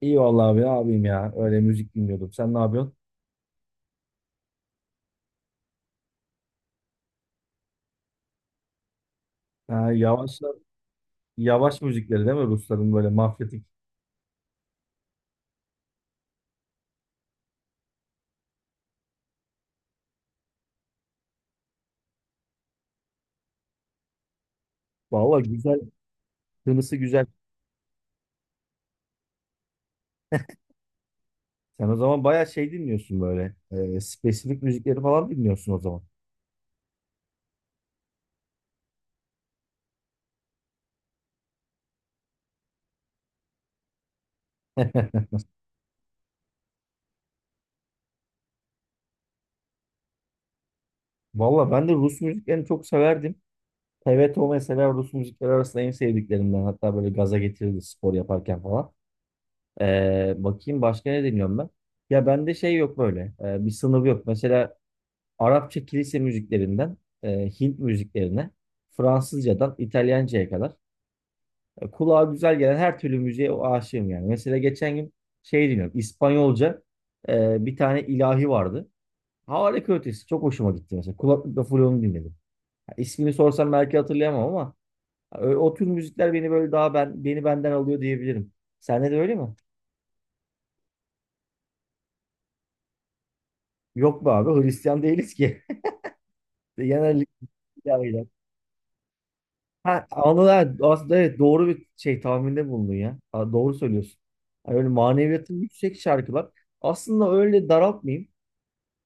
İyi vallahi abi abim ya. Öyle müzik dinliyordum. Sen ne yapıyorsun? Ha, yavaş yavaş müzikleri değil mi Rusların böyle mafyatik? Vallahi güzel. Tınısı güzel. Sen o zaman bayağı şey dinliyorsun böyle. Spesifik müzikleri falan dinliyorsun o zaman. Valla ben de Rus müziklerini çok severdim. TVTO mesela Rus müzikleri arasında en sevdiklerimden. Hatta böyle gaza getirirdi spor yaparken falan. Bakayım başka ne dinliyorum ben? Ya bende şey yok böyle. Bir sınır yok. Mesela Arapça kilise müziklerinden Hint müziklerine, Fransızcadan İtalyanca'ya kadar kulağa güzel gelen her türlü müziğe o aşığım yani. Mesela geçen gün şey dinliyorum, İspanyolca bir tane ilahi vardı. Harika ötesi, çok hoşuma gitti mesela. Kulaklıkla full onu dinledim. Ha, İsmini sorsam belki hatırlayamam ama ha, o tür müzikler beni böyle daha beni benden alıyor diyebilirim. Sende de öyle mi? Yok be abi, Hristiyan değiliz ki. Genellikle ilahi. Ha, anılar aslında, evet, doğru bir şey tahminde bulundun ya. Ha, doğru söylüyorsun. Yani öyle maneviyatı yüksek şarkılar. Aslında öyle daraltmayayım.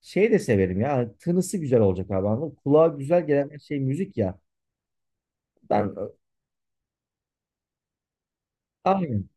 Şey de severim ya. Hani tınısı güzel olacak abi. Anladın mı? Kulağa güzel gelen bir şey müzik ya. Ben aynen.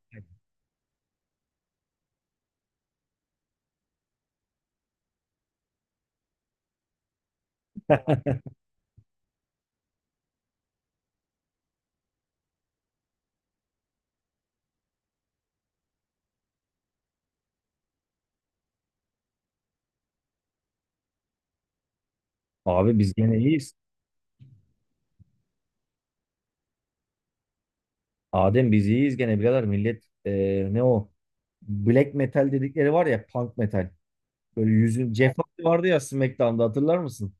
Abi biz gene iyiyiz. Adem biz iyiyiz gene birader millet ne o? Black metal dedikleri var ya, punk metal. Böyle yüzün Jeff Hardy vardı ya SmackDown'da, hatırlar mısın?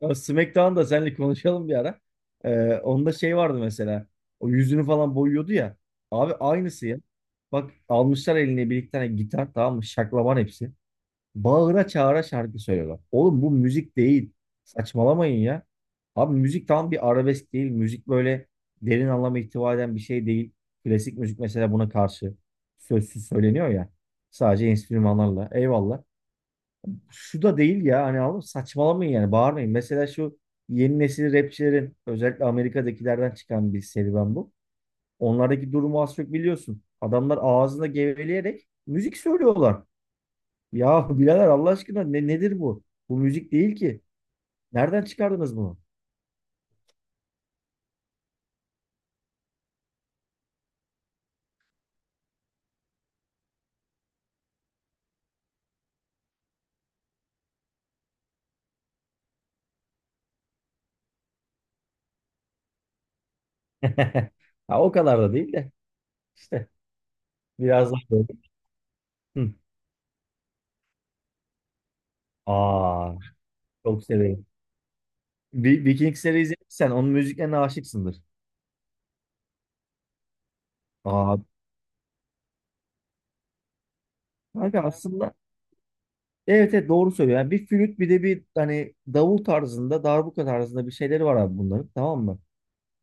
Ya SmackDown'da seninle konuşalım bir ara. Onda şey vardı mesela. O yüzünü falan boyuyordu ya. Abi aynısı ya. Bak almışlar eline bir iki tane gitar, tamam mı? Şaklaban hepsi. Bağıra çağıra şarkı söylüyorlar. Oğlum bu müzik değil. Saçmalamayın ya. Abi müzik tam bir arabesk değil. Müzik böyle derin anlama ihtiva eden bir şey değil. Klasik müzik mesela buna karşı sözsüz söyleniyor ya. Sadece enstrümanlarla. Eyvallah, şu da değil ya, hani oğlum saçmalamayın, yani bağırmayın. Mesela şu yeni nesil rapçilerin özellikle Amerika'dakilerden çıkan bir serüven bu. Onlardaki durumu az çok biliyorsun. Adamlar ağzında geveleyerek müzik söylüyorlar. Ya birader Allah aşkına ne, nedir bu? Bu müzik değil ki. Nereden çıkardınız bunu? Ha, o kadar da değil de işte biraz daha böyle. Hı. Aa, çok severim. Vikings serisi izlediysen onun müziklerine aşıksındır. Aa, kanka, aslında evet, evet, doğru söylüyor. Yani bir flüt bir de bir hani davul tarzında, darbuka tarzında bir şeyleri var abi bunların, tamam mı?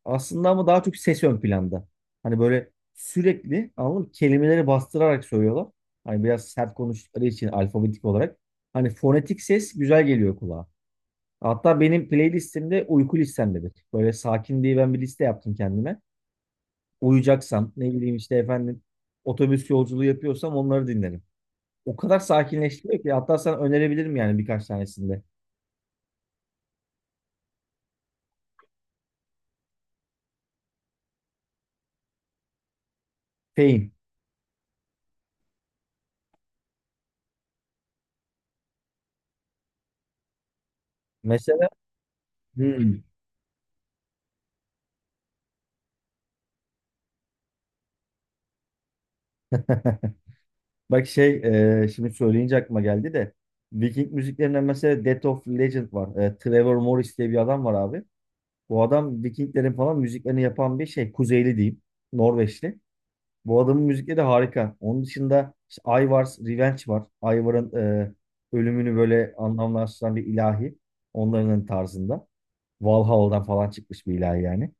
Aslında ama daha çok ses ön planda. Hani böyle sürekli, anladın mı? Kelimeleri bastırarak söylüyorlar. Hani biraz sert konuştukları için alfabetik olarak. Hani fonetik ses güzel geliyor kulağa. Hatta benim playlistimde uyku listemdedir. Böyle sakin diye ben bir liste yaptım kendime. Uyuyacaksam ne bileyim işte efendim otobüs yolculuğu yapıyorsam onları dinlerim. O kadar sakinleştiriyor ki hatta sana önerebilirim yani birkaç tanesinde. Fame. Mesela hmm. Bak, şey, şimdi söyleyince aklıma geldi de Viking müziklerinden mesela Death of Legend var. Trevor Morris diye bir adam var abi. Bu adam Vikinglerin falan müziklerini yapan bir şey. Kuzeyli diyeyim. Norveçli. Bu adamın müzikleri de harika. Onun dışında işte Ivar's Revenge var. Ivar'ın ölümünü böyle anlamlaştıran bir ilahi. Onların tarzında. Valhalla'dan falan çıkmış bir ilahi yani.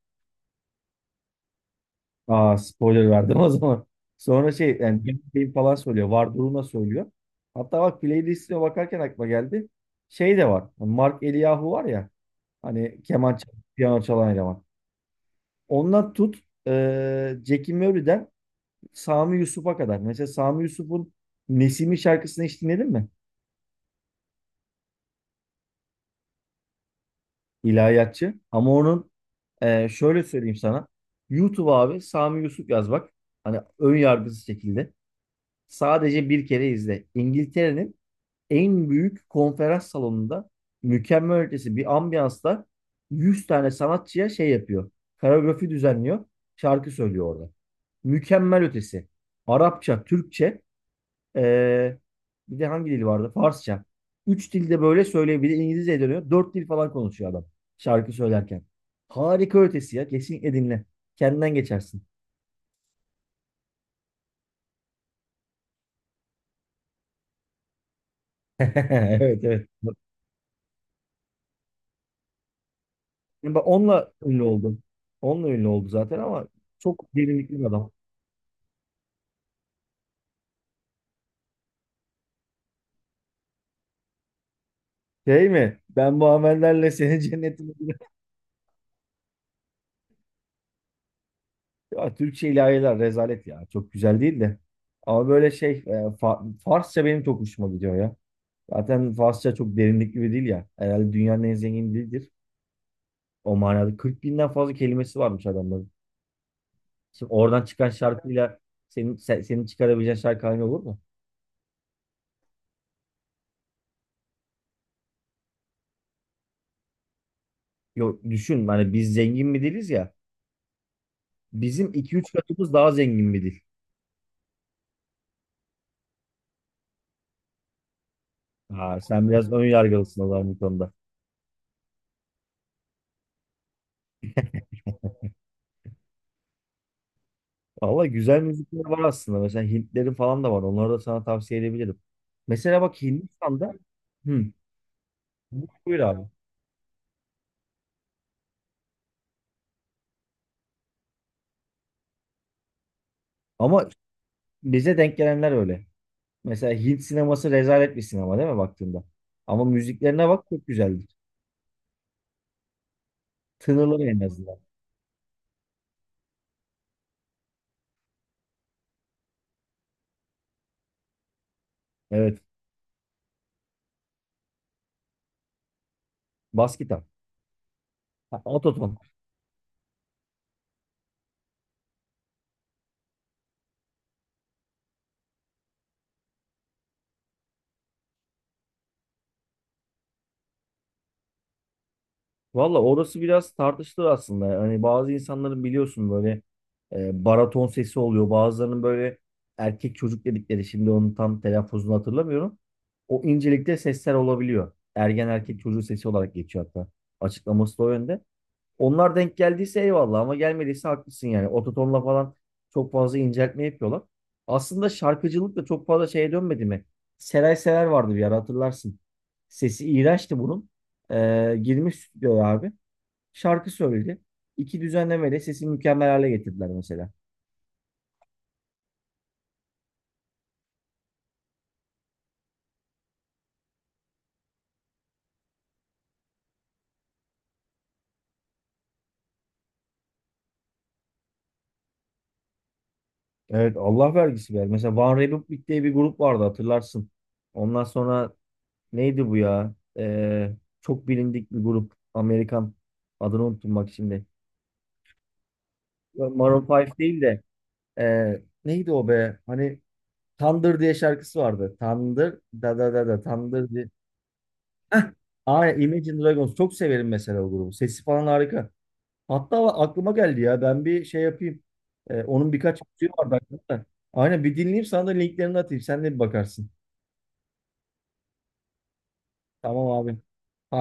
Aa, spoiler verdim o zaman. Sonra şey yani film falan söylüyor. Var durumda söylüyor. Hatta bak playlistine bakarken aklıma geldi. Şey de var. Hani Mark Eliyahu var ya. Hani keman çalan, piyano çalan eleman. Ondan tut e, Jackie Murray'den Sami Yusuf'a kadar. Mesela Sami Yusuf'un Nesimi şarkısını hiç dinledin mi? İlahiyatçı. Ama onun şöyle söyleyeyim sana. YouTube abi Sami Yusuf yaz bak. Hani ön yargısız şekilde. Sadece bir kere izle. İngiltere'nin en büyük konferans salonunda mükemmel ötesi bir ambiyansta 100 tane sanatçıya şey yapıyor. Koreografi düzenliyor. Şarkı söylüyor orada. Mükemmel ötesi. Arapça, Türkçe, ee, bir de hangi dil vardı? Farsça. Üç dilde böyle söylüyor. Bir de İngilizce dönüyor. Dört dil falan konuşuyor adam şarkı söylerken. Harika ötesi ya. Kesinlikle dinle. Kendinden geçersin. Evet, evet. Bak onunla ünlü oldum. Onunla ünlü oldu zaten ama çok derinlikli bir adam. Şey mi? Ben bu amellerle seni cennetine girerim. Ya Türkçe ilahiler rezalet ya. Çok güzel değil de. Ama böyle şey, Farsça benim çok hoşuma gidiyor ya. Zaten Farsça çok derinlikli bir dil ya. Herhalde dünyanın en zengin dilidir. O manada 40 binden fazla kelimesi varmış adamların. Şimdi oradan çıkan şarkıyla senin çıkarabileceğin şarkı aynı olur mu? Yok düşün, hani biz zengin bir diliz ya. Bizim iki üç katımız daha zengin bir dil. Ha, sen biraz ön yargılısın o zaman bu konuda. Valla güzel müzikler var aslında. Mesela Hintlerin falan da var. Onları da sana tavsiye edebilirim. Mesela bak Hindistan'da, hı, buyur abi. Ama bize denk gelenler öyle. Mesela Hint sineması rezalet bir sinema, değil mi baktığında? Ama müziklerine bak, çok güzeldir. Tınırları en azından. Evet. Bas gitar. Ha, Ototon. Valla orası biraz tartışılır aslında. Hani bazı insanların biliyorsun böyle baraton sesi oluyor. Bazılarının böyle erkek çocuk dedikleri şimdi onun tam telaffuzunu hatırlamıyorum. O incelikte sesler olabiliyor. Ergen erkek çocuğu sesi olarak geçiyor hatta. Açıklaması da o yönde. Onlar denk geldiyse eyvallah ama gelmediyse haklısın yani. Ototonla falan çok fazla inceltme yapıyorlar. Aslında şarkıcılık da çok fazla şeye dönmedi mi? Seray Sever vardı bir ara, hatırlarsın. Sesi iğrençti bunun. Girmiş stüdyoya abi. Şarkı söyledi. İki düzenlemeyle sesi mükemmel hale getirdiler mesela. Evet, Allah vergisi ver. Mesela One Republic diye bir grup vardı, hatırlarsın. Ondan sonra neydi bu ya? Çok bilindik bir grup. Amerikan. Adını unuttum bak şimdi. Maroon 5 değil de e, neydi o be? Hani Thunder diye şarkısı vardı. Thunder da da da da Thunder diye. Heh, aynen Imagine Dragons. Çok severim mesela o grubu. Sesi falan harika. Hatta aklıma geldi ya. Ben bir şey yapayım. Onun birkaç müziği vardı aklımda. Aynen bir dinleyeyim sana da linklerini atayım. Sen de bir bakarsın. Tamam abi. Hadi